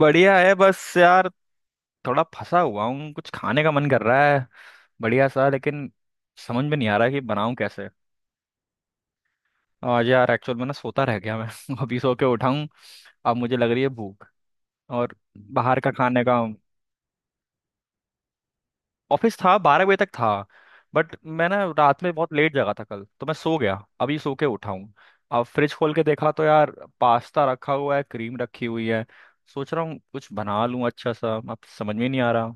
बढ़िया है बस यार। थोड़ा फंसा हुआ हूँ। कुछ खाने का मन कर रहा है बढ़िया सा, लेकिन समझ में नहीं आ रहा कि बनाऊँ कैसे। आज यार एक्चुअल में सोता रह गया मैं। अभी सो के उठा हूँ। अब मुझे लग रही है भूख। और बाहर का खाने का। ऑफिस था, 12 बजे तक था। बट मैं रात में बहुत लेट जगा था कल, तो मैं सो गया। अभी सो के उठा हूँ। अब फ्रिज खोल के देखा तो यार पास्ता रखा हुआ है, क्रीम रखी हुई है। सोच रहा हूँ कुछ बना लूँ अच्छा सा। अब समझ में नहीं आ रहा।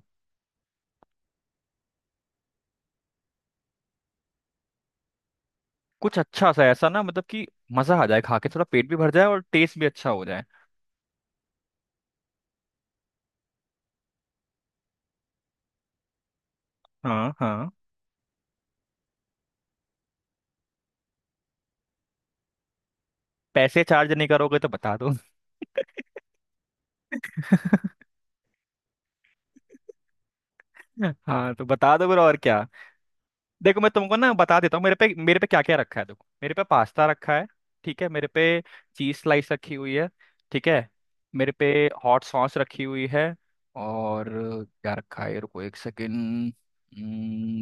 कुछ अच्छा सा ऐसा मतलब कि मजा आ जाए खा के, थोड़ा पेट भी भर जाए और टेस्ट भी अच्छा हो जाए। हाँ हाँ। पैसे चार्ज नहीं करोगे तो बता दो। हाँ तो बता दो फिर, और क्या। देखो मैं तुमको बता देता हूँ मेरे पे क्या क्या रखा है। देखो, मेरे पे पास्ता रखा है। ठीक है। मेरे पे चीज स्लाइस रखी हुई है। ठीक है। मेरे पे हॉट सॉस रखी हुई है। और क्या रखा है, रुको एक सेकेंड।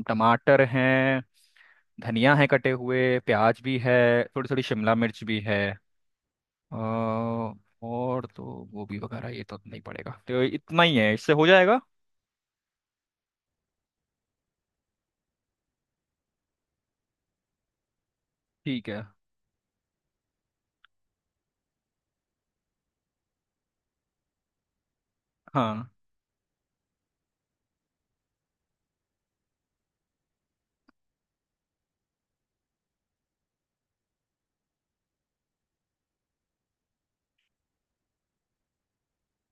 टमाटर है। धनिया है। कटे हुए प्याज भी है। थोड़ी थोड़ी शिमला मिर्च भी है। अ, और तो गोभी वगैरह ये तो नहीं पड़ेगा, तो इतना ही है। इससे हो जाएगा। ठीक है। हाँ।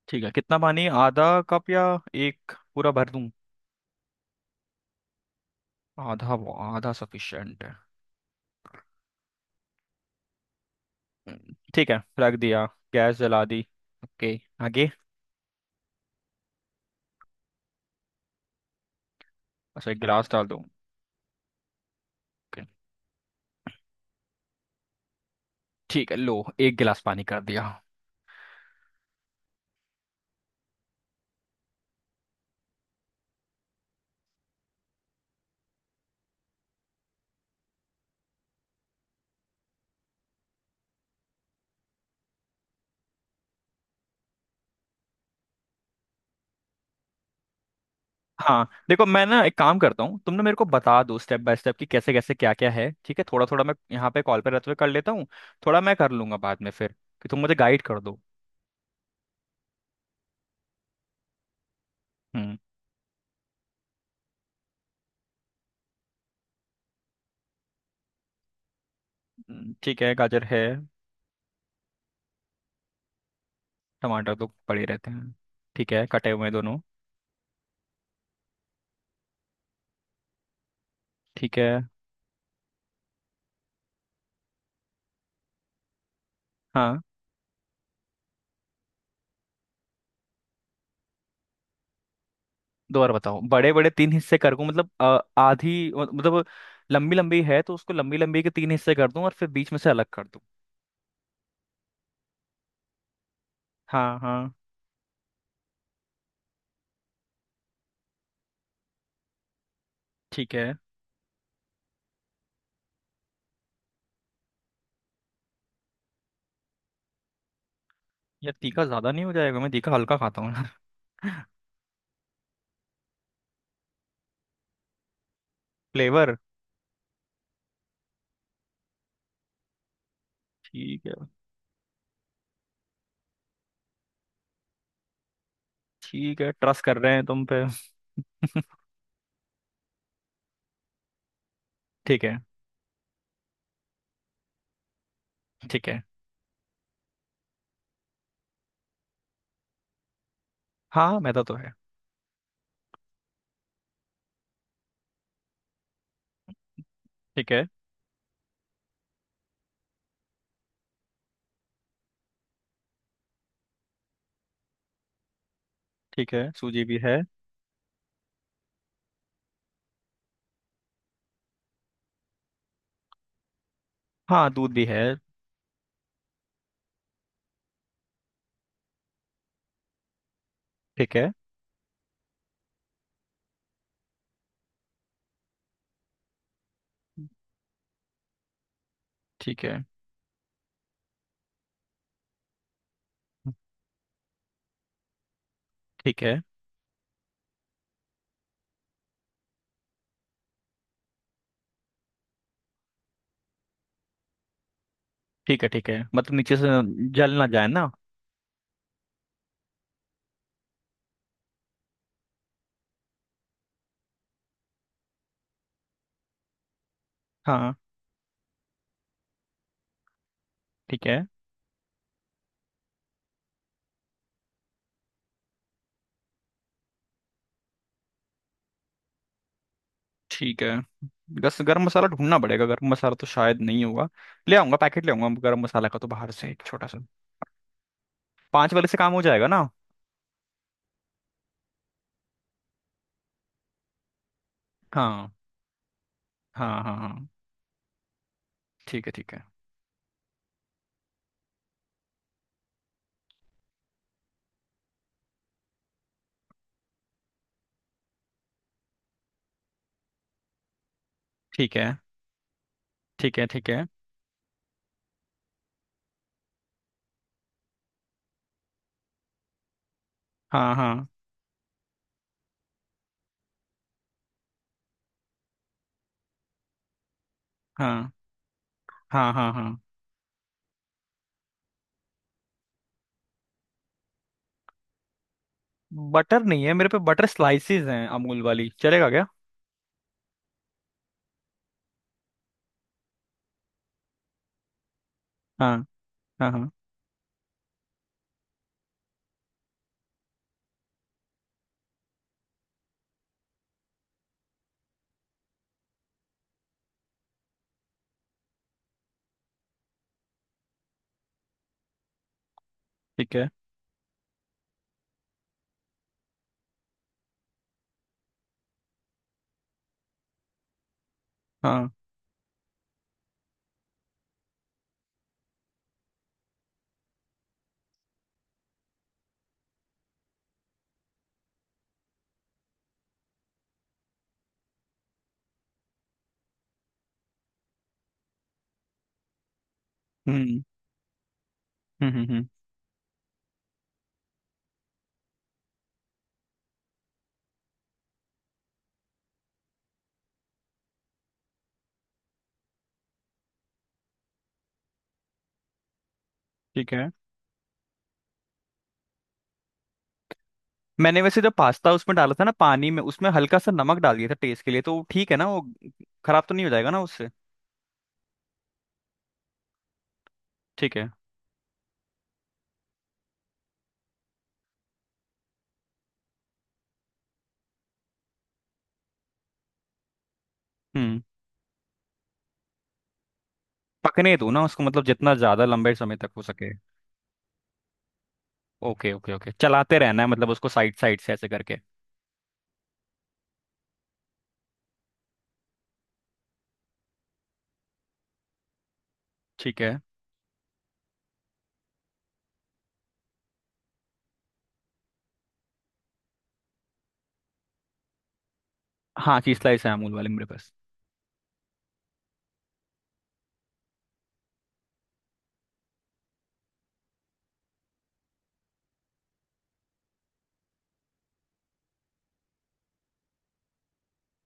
ठीक है, कितना पानी? आधा कप या एक पूरा भर दूं? आधा, वो आधा सफिशिएंट है। ठीक है, रख दिया। गैस जला दी। ओके, आगे। अच्छा, एक गिलास डाल दूं? ओके। ठीक है, लो, एक गिलास पानी कर दिया। हाँ देखो, मैं एक काम करता हूँ। तुम मेरे को बता दो स्टेप बाय स्टेप कि कैसे कैसे क्या क्या है। ठीक है, थोड़ा थोड़ा मैं यहाँ पे कॉल पे रहते हुए कर लेता हूँ। थोड़ा मैं कर लूंगा बाद में फिर, कि तुम मुझे गाइड कर दो। हम्म। ठीक है, गाजर है। टमाटर तो पड़े रहते हैं। ठीक है, कटे हुए हैं दोनों। ठीक है। हाँ। दो बार बताओ, बड़े बड़े तीन हिस्से कर दूं मतलब आधी मतलब लंबी लंबी है, तो उसको लंबी लंबी के तीन हिस्से कर दूं और फिर बीच में से अलग कर दूं? हाँ हाँ। ठीक है। यार तीखा ज्यादा नहीं हो जाएगा? मैं तीखा हल्का खाता हूँ ना। फ्लेवर। ठीक है। ठीक है, ट्रस्ट कर रहे हैं तुम पे। ठीक है। ठीक है। हाँ, मैदा तो है। ठीक है। ठीक है, सूजी भी है। हाँ, दूध भी है। ठीक है। ठीक है। ठीक है। ठीक है। ठीक है, मतलब नीचे से जल ना जाए ना। हाँ। ठीक है। ठीक है, गस गरम मसाला ढूंढना पड़ेगा। गरम मसाला तो शायद नहीं होगा। ले आऊंगा, पैकेट ले आऊंगा गरम मसाला का तो बाहर से, एक छोटा सा। 5 वाले से काम हो जाएगा ना? हाँ हाँ हाँ हाँ। ठीक है। ठीक है। ठीक है। ठीक है। ठीक है। हाँ हाँ हाँ। हाँ हाँ हाँ। बटर नहीं है मेरे पे। बटर स्लाइसेस हैं अमूल वाली, चलेगा क्या? हाँ। हाँ। हाँ। ठीक है। हाँ। हम्म हम्म हम्म हम्म, ठीक है। मैंने वैसे जो पास्ता उसमें डाला था ना पानी में, उसमें हल्का सा नमक डाल दिया था टेस्ट के लिए, तो ठीक है ना वो? खराब तो नहीं हो जाएगा ना उससे? ठीक है। हम्म। पकने दो ना उसको मतलब, जितना ज्यादा लंबे समय तक हो सके। ओके ओके ओके, चलाते रहना है मतलब उसको साइड साइड से ऐसे करके। ठीक है। हाँ, चीज स्लाइस है अमूल वाले मेरे पास।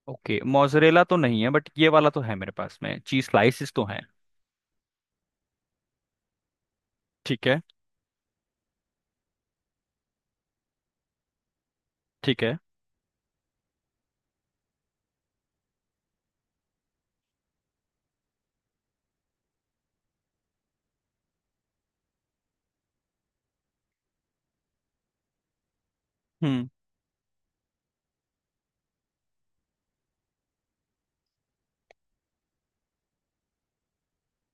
ओके, मोजरेला तो नहीं है बट ये वाला तो है मेरे पास में। चीज स्लाइसिस तो है। ठीक है। ठीक है। हम्म।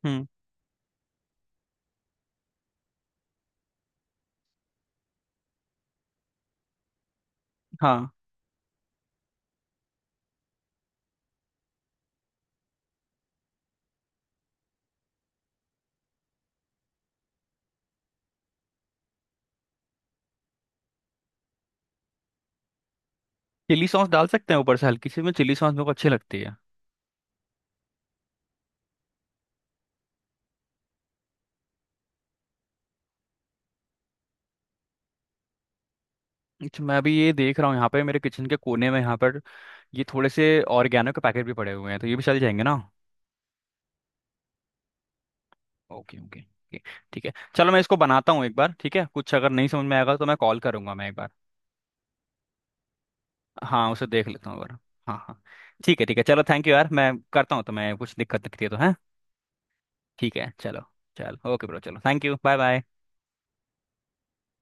हम्म। हाँ, चिली सॉस डाल सकते हैं ऊपर से हल्की सी में? चिली सॉस मेरे को अच्छी लगती है। अच्छा मैं अभी ये देख रहा हूँ, यहाँ पे मेरे किचन के कोने में, यहाँ पर ये थोड़े से ऑर्गेनो के पैकेट भी पड़े हुए हैं, तो ये भी चल जाएंगे ना? Okay okay okay. ठीक है चलो, मैं इसको बनाता हूँ एक बार। ठीक है, कुछ अगर नहीं समझ में आएगा तो मैं कॉल करूंगा मैं एक बार। हाँ, उसे देख लेता हूँ एक बार। हाँ हाँ। ठीक है। ठीक है चलो, थैंक यू यार। मैं करता हूँ, तो मैं कुछ दिक्कत दिखती है तो है। ठीक है चलो। चलो, ओके ब्रो, चलो थैंक यू, बाय बाय।